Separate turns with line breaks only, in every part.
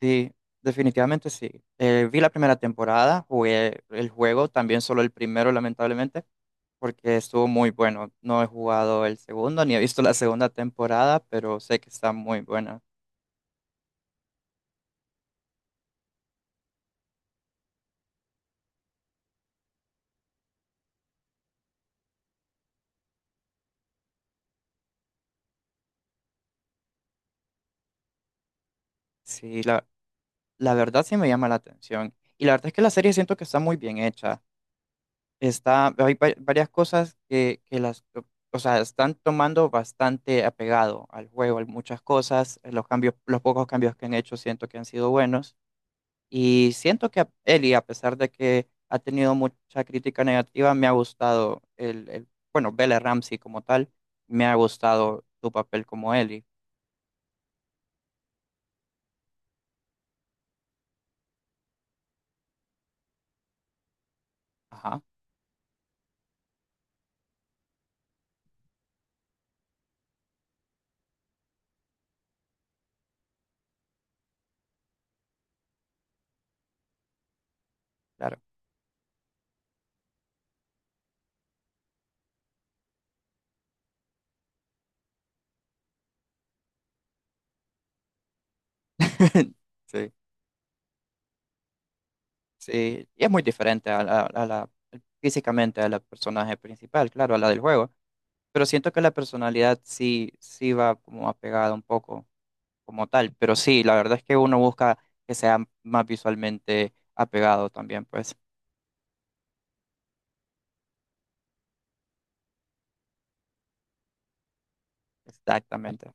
Sí, definitivamente sí. Vi la primera temporada, jugué el juego, también solo el primero, lamentablemente, porque estuvo muy bueno. No he jugado el segundo ni he visto la segunda temporada, pero sé que está muy buena. Sí, la verdad sí me llama la atención. Y la verdad es que la serie siento que está muy bien hecha. Está, hay varias cosas que o sea, están tomando bastante apegado al juego, hay muchas cosas. Los cambios, los pocos cambios que han hecho siento que han sido buenos. Y siento que Eli, a pesar de que ha tenido mucha crítica negativa, me ha gustado bueno, Bella Ramsey como tal, me ha gustado tu papel como Eli. Ajá, claro. Sí, sí. Y es muy diferente a físicamente a la personaje principal, claro, a la del juego. Pero siento que la personalidad sí, sí va como apegada un poco como tal. Pero sí, la verdad es que uno busca que sea más visualmente apegado también, pues. Exactamente.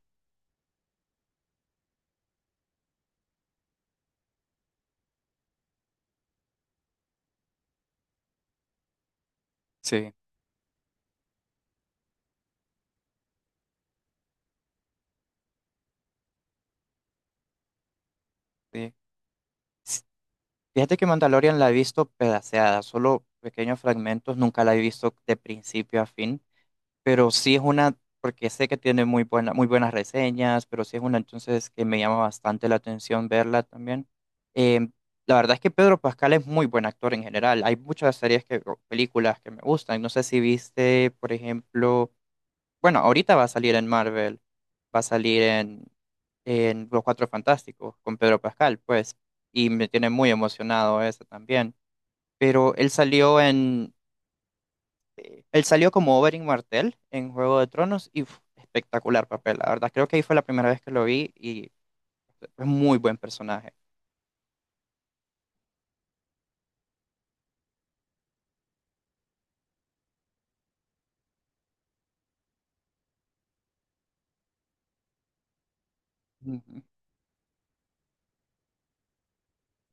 Sí. Sí. S- Fíjate que Mandalorian la he visto pedaceada, solo pequeños fragmentos, nunca la he visto de principio a fin, pero sí es porque sé que tiene muy muy buenas reseñas, pero sí es una entonces que me llama bastante la atención verla también. Eh, la verdad es que Pedro Pascal es muy buen actor en general, hay muchas series que, o películas que me gustan, no sé si viste, por ejemplo, bueno, ahorita va a salir en Marvel, va a salir en Los Cuatro Fantásticos con Pedro Pascal, pues, y me tiene muy emocionado eso también. Pero él salió en, él salió como Oberyn Martell en Juego de Tronos y uf, espectacular papel, la verdad. Creo que ahí fue la primera vez que lo vi y es muy buen personaje. Ujú.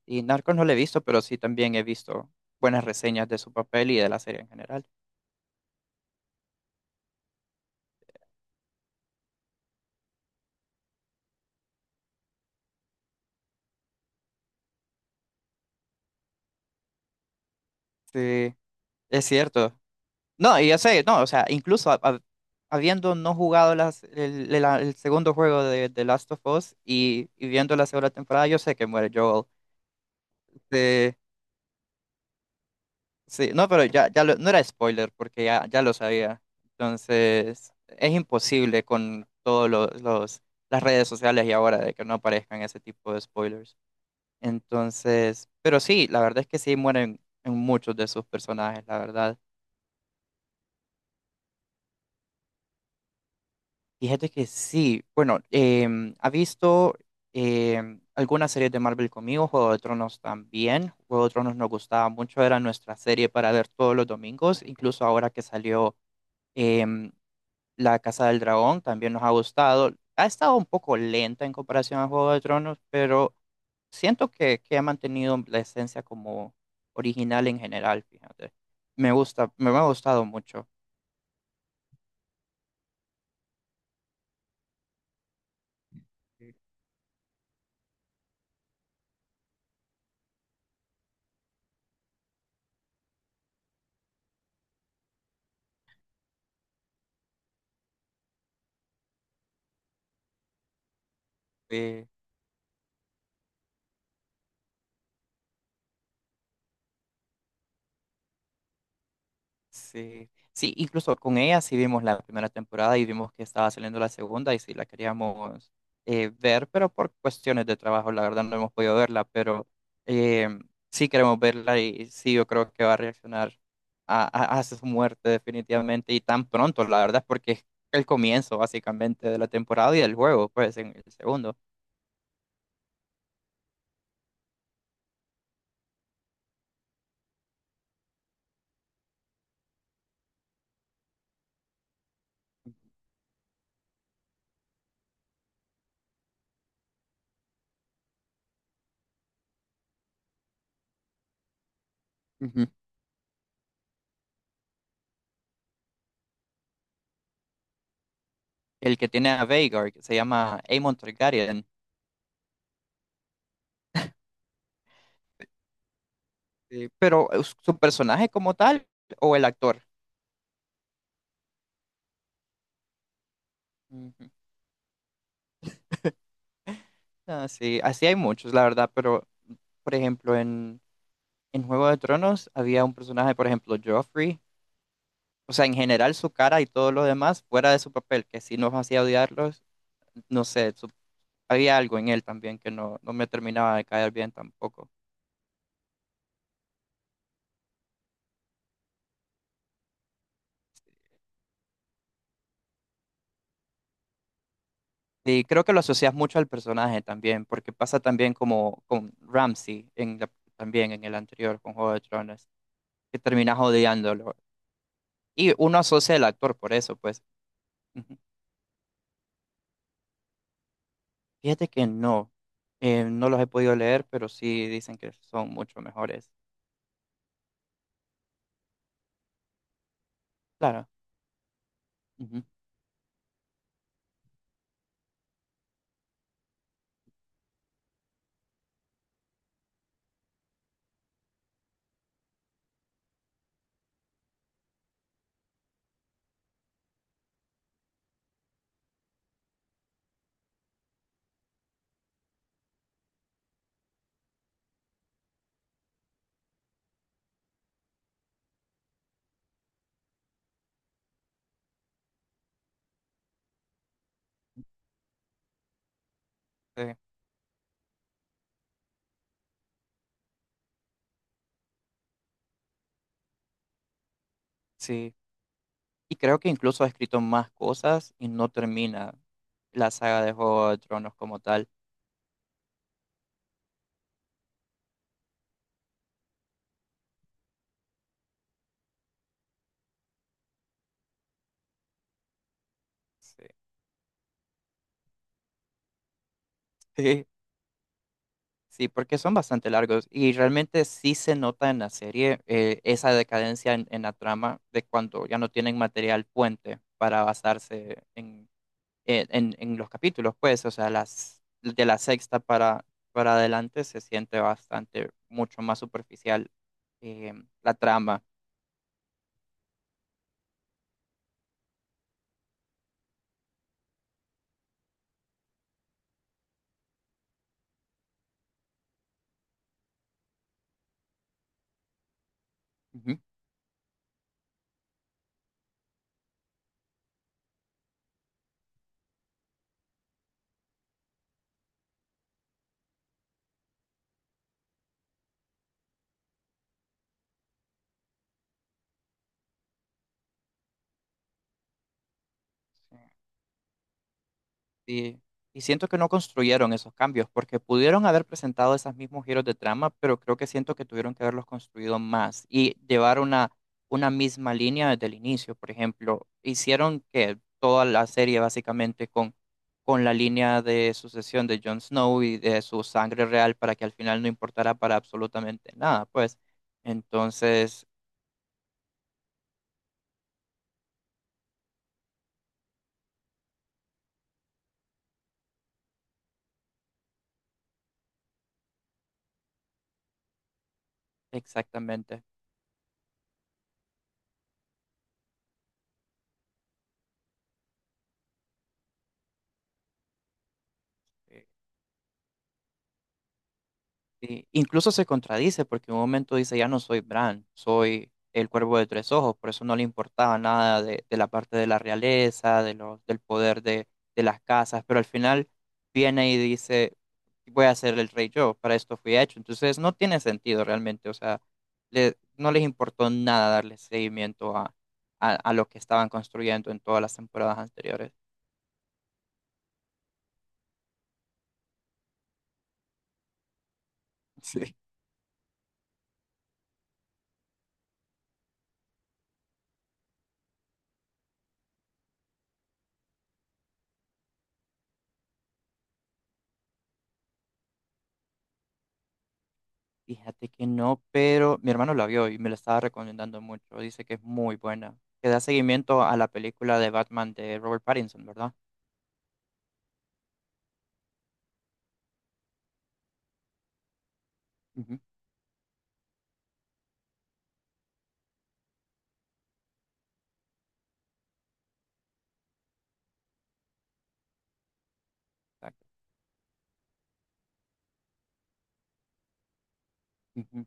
Y Narcos no lo he visto, pero sí también he visto buenas reseñas de su papel y de la serie en general. Sí, es cierto. No, y yo sé, no, o sea, incluso habiendo no jugado las, el- la- el segundo juego de Last of Us y viendo la segunda temporada, yo sé que muere Joel. Sí, sí, no, pero ya, no era spoiler porque ya, ya lo sabía. Entonces, es imposible con todos las redes sociales y ahora de que no aparezcan ese tipo de spoilers. Entonces, pero sí, la verdad es que sí mueren en muchos de sus personajes, la verdad. Fíjate que sí, bueno, ha visto algunas series de Marvel conmigo, Juego de Tronos también. Juego de Tronos nos gustaba mucho, era nuestra serie para ver todos los domingos, incluso ahora que salió em, La Casa del Dragón, también nos ha gustado. Ha estado un poco lenta en comparación a Juego de Tronos, pero siento que ha mantenido la esencia como original en general, fíjate. Me gusta, me ha gustado mucho. eh, Sí, sí, incluso con ella sí vimos la primera temporada y vimos que estaba saliendo la segunda y sí la queríamos ver, pero por cuestiones de trabajo, la verdad no hemos podido verla, pero eh, sí queremos verla y sí yo creo que va a reaccionar a su muerte definitivamente y tan pronto, la verdad, porque es el comienzo básicamente de la temporada y del juego, pues en el segundo. Ujú. El que tiene a Vhagar, que se llama Aemon Targaryen. Sí, pero su personaje como tal o el actor. Ujú. Ah, sí, así hay muchos, la verdad, pero por ejemplo, en Juego de Tronos había un personaje, por ejemplo, Joffrey, o sea, en general su cara y todo lo demás, fuera de su papel, que sí nos hacía odiarlos, no sé, había algo en él también que no, no me terminaba de caer bien tampoco. Y creo que lo asocias mucho al personaje también, porque pasa también como con Ramsay en también en el anterior con Juego de Tronos, que terminas odiándolo. Y uno asocia al actor por eso, pues. Fíjate que no, no los he podido leer, pero sí dicen que son mucho mejores. Claro, ujú, sí, sí. Y creo que incluso ha escrito más cosas y no termina la saga de Juego de Tronos como tal. Sí, sí, sí, porque son bastante largos y realmente sí se nota en la serie esa decadencia en la trama de cuando ya no tienen material puente para basarse en en los capítulos, pues, o sea, de la sexta para adelante se siente bastante, mucho más superficial eh, la trama. Ujú. Y, y siento que no construyeron esos cambios, porque pudieron haber presentado esos mismos giros de trama, pero creo que siento que tuvieron que haberlos construido más y llevar una misma línea desde el inicio. Por ejemplo, hicieron que toda la serie básicamente con la línea de sucesión de Jon Snow y de su sangre real para que al final no importara para absolutamente nada, pues. Entonces, exactamente. eh, Sí, incluso se contradice porque en un momento dice, ya no soy Bran, soy el cuervo de tres ojos, por eso no le importaba nada de la parte de la realeza, del poder de las casas, pero al final viene y dice, voy a ser el rey yo, para esto fui hecho. Entonces no tiene sentido realmente, o sea, no les importó nada darle seguimiento a lo que estaban construyendo en todas las temporadas anteriores. Sí. Fíjate que no, pero mi hermano la vio y me la estaba recomendando mucho. Dice que es muy buena. Que da seguimiento a la película de Batman de Robert Pattinson, ¿verdad? Ujú, exacto. Ujú.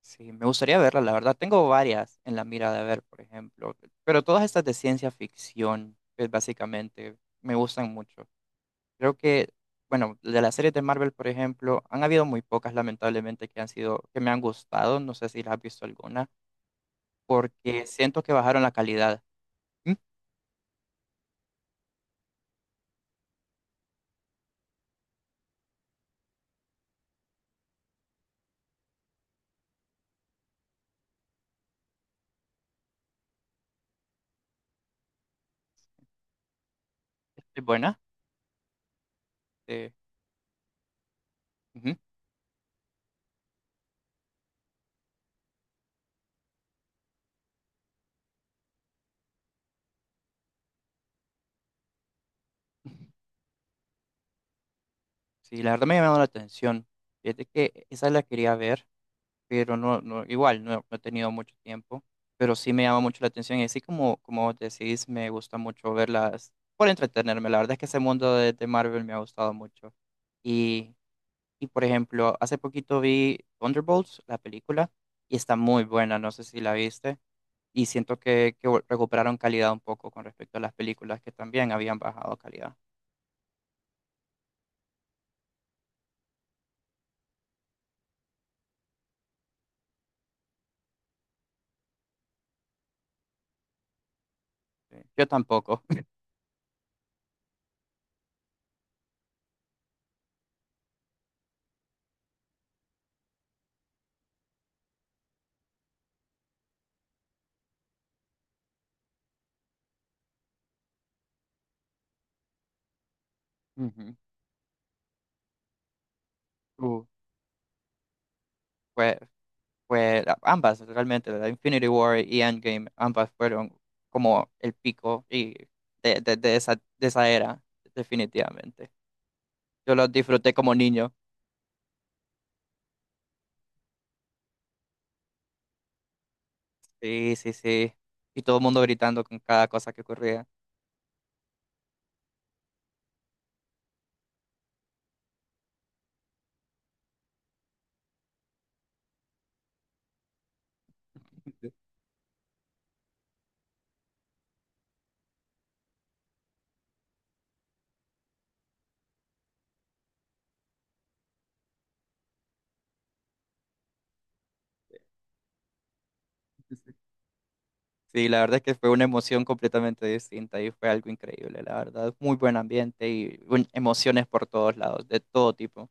Sí, me gustaría verla, la verdad. Tengo varias en la mira de ver, por ejemplo. Pero todas estas de ciencia ficción, pues, básicamente, me gustan mucho. Creo que, bueno, de las series de Marvel, por ejemplo, han habido muy pocas, lamentablemente, que han sido, que me han gustado. No sé si las has visto alguna, porque siento que bajaron la calidad. ¿Mm? ¿Es buena? Eh, ujú. Sí, la verdad me ha llamado la atención. Fíjate que esa la quería ver, pero no, no, igual no, no he tenido mucho tiempo, pero sí me llama mucho la atención. Y así como, como vos decís, me gusta mucho verlas por entretenerme. La verdad es que ese mundo de Marvel me ha gustado mucho. Y, y por ejemplo, hace poquito vi Thunderbolts, la película, y está muy buena, no sé si la viste. Y siento que recuperaron calidad un poco con respecto a las películas que también habían bajado calidad. Sí. Yo tampoco. Ujú. Fue, Fue ambas realmente, la Infinity War y Endgame, ambas fueron como el pico y de esa era, definitivamente. Yo los disfruté como niño. Sí, sí, sí. Y todo el mundo gritando con cada cosa que ocurría. Sí, la verdad es que fue una emoción completamente distinta y fue algo increíble, la verdad. Muy buen ambiente y emociones por todos lados, de todo tipo.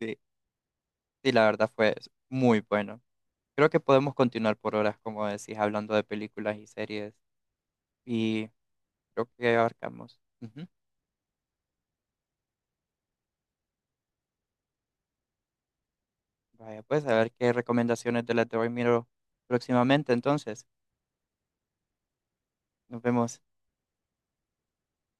Sí, sí, la verdad fue muy bueno. Creo que podemos continuar por horas, como decís, hablando de películas y series. Y creo que abarcamos. Ujú. Vaya, pues a ver qué recomendaciones de las de hoy miro próximamente. Entonces, nos vemos.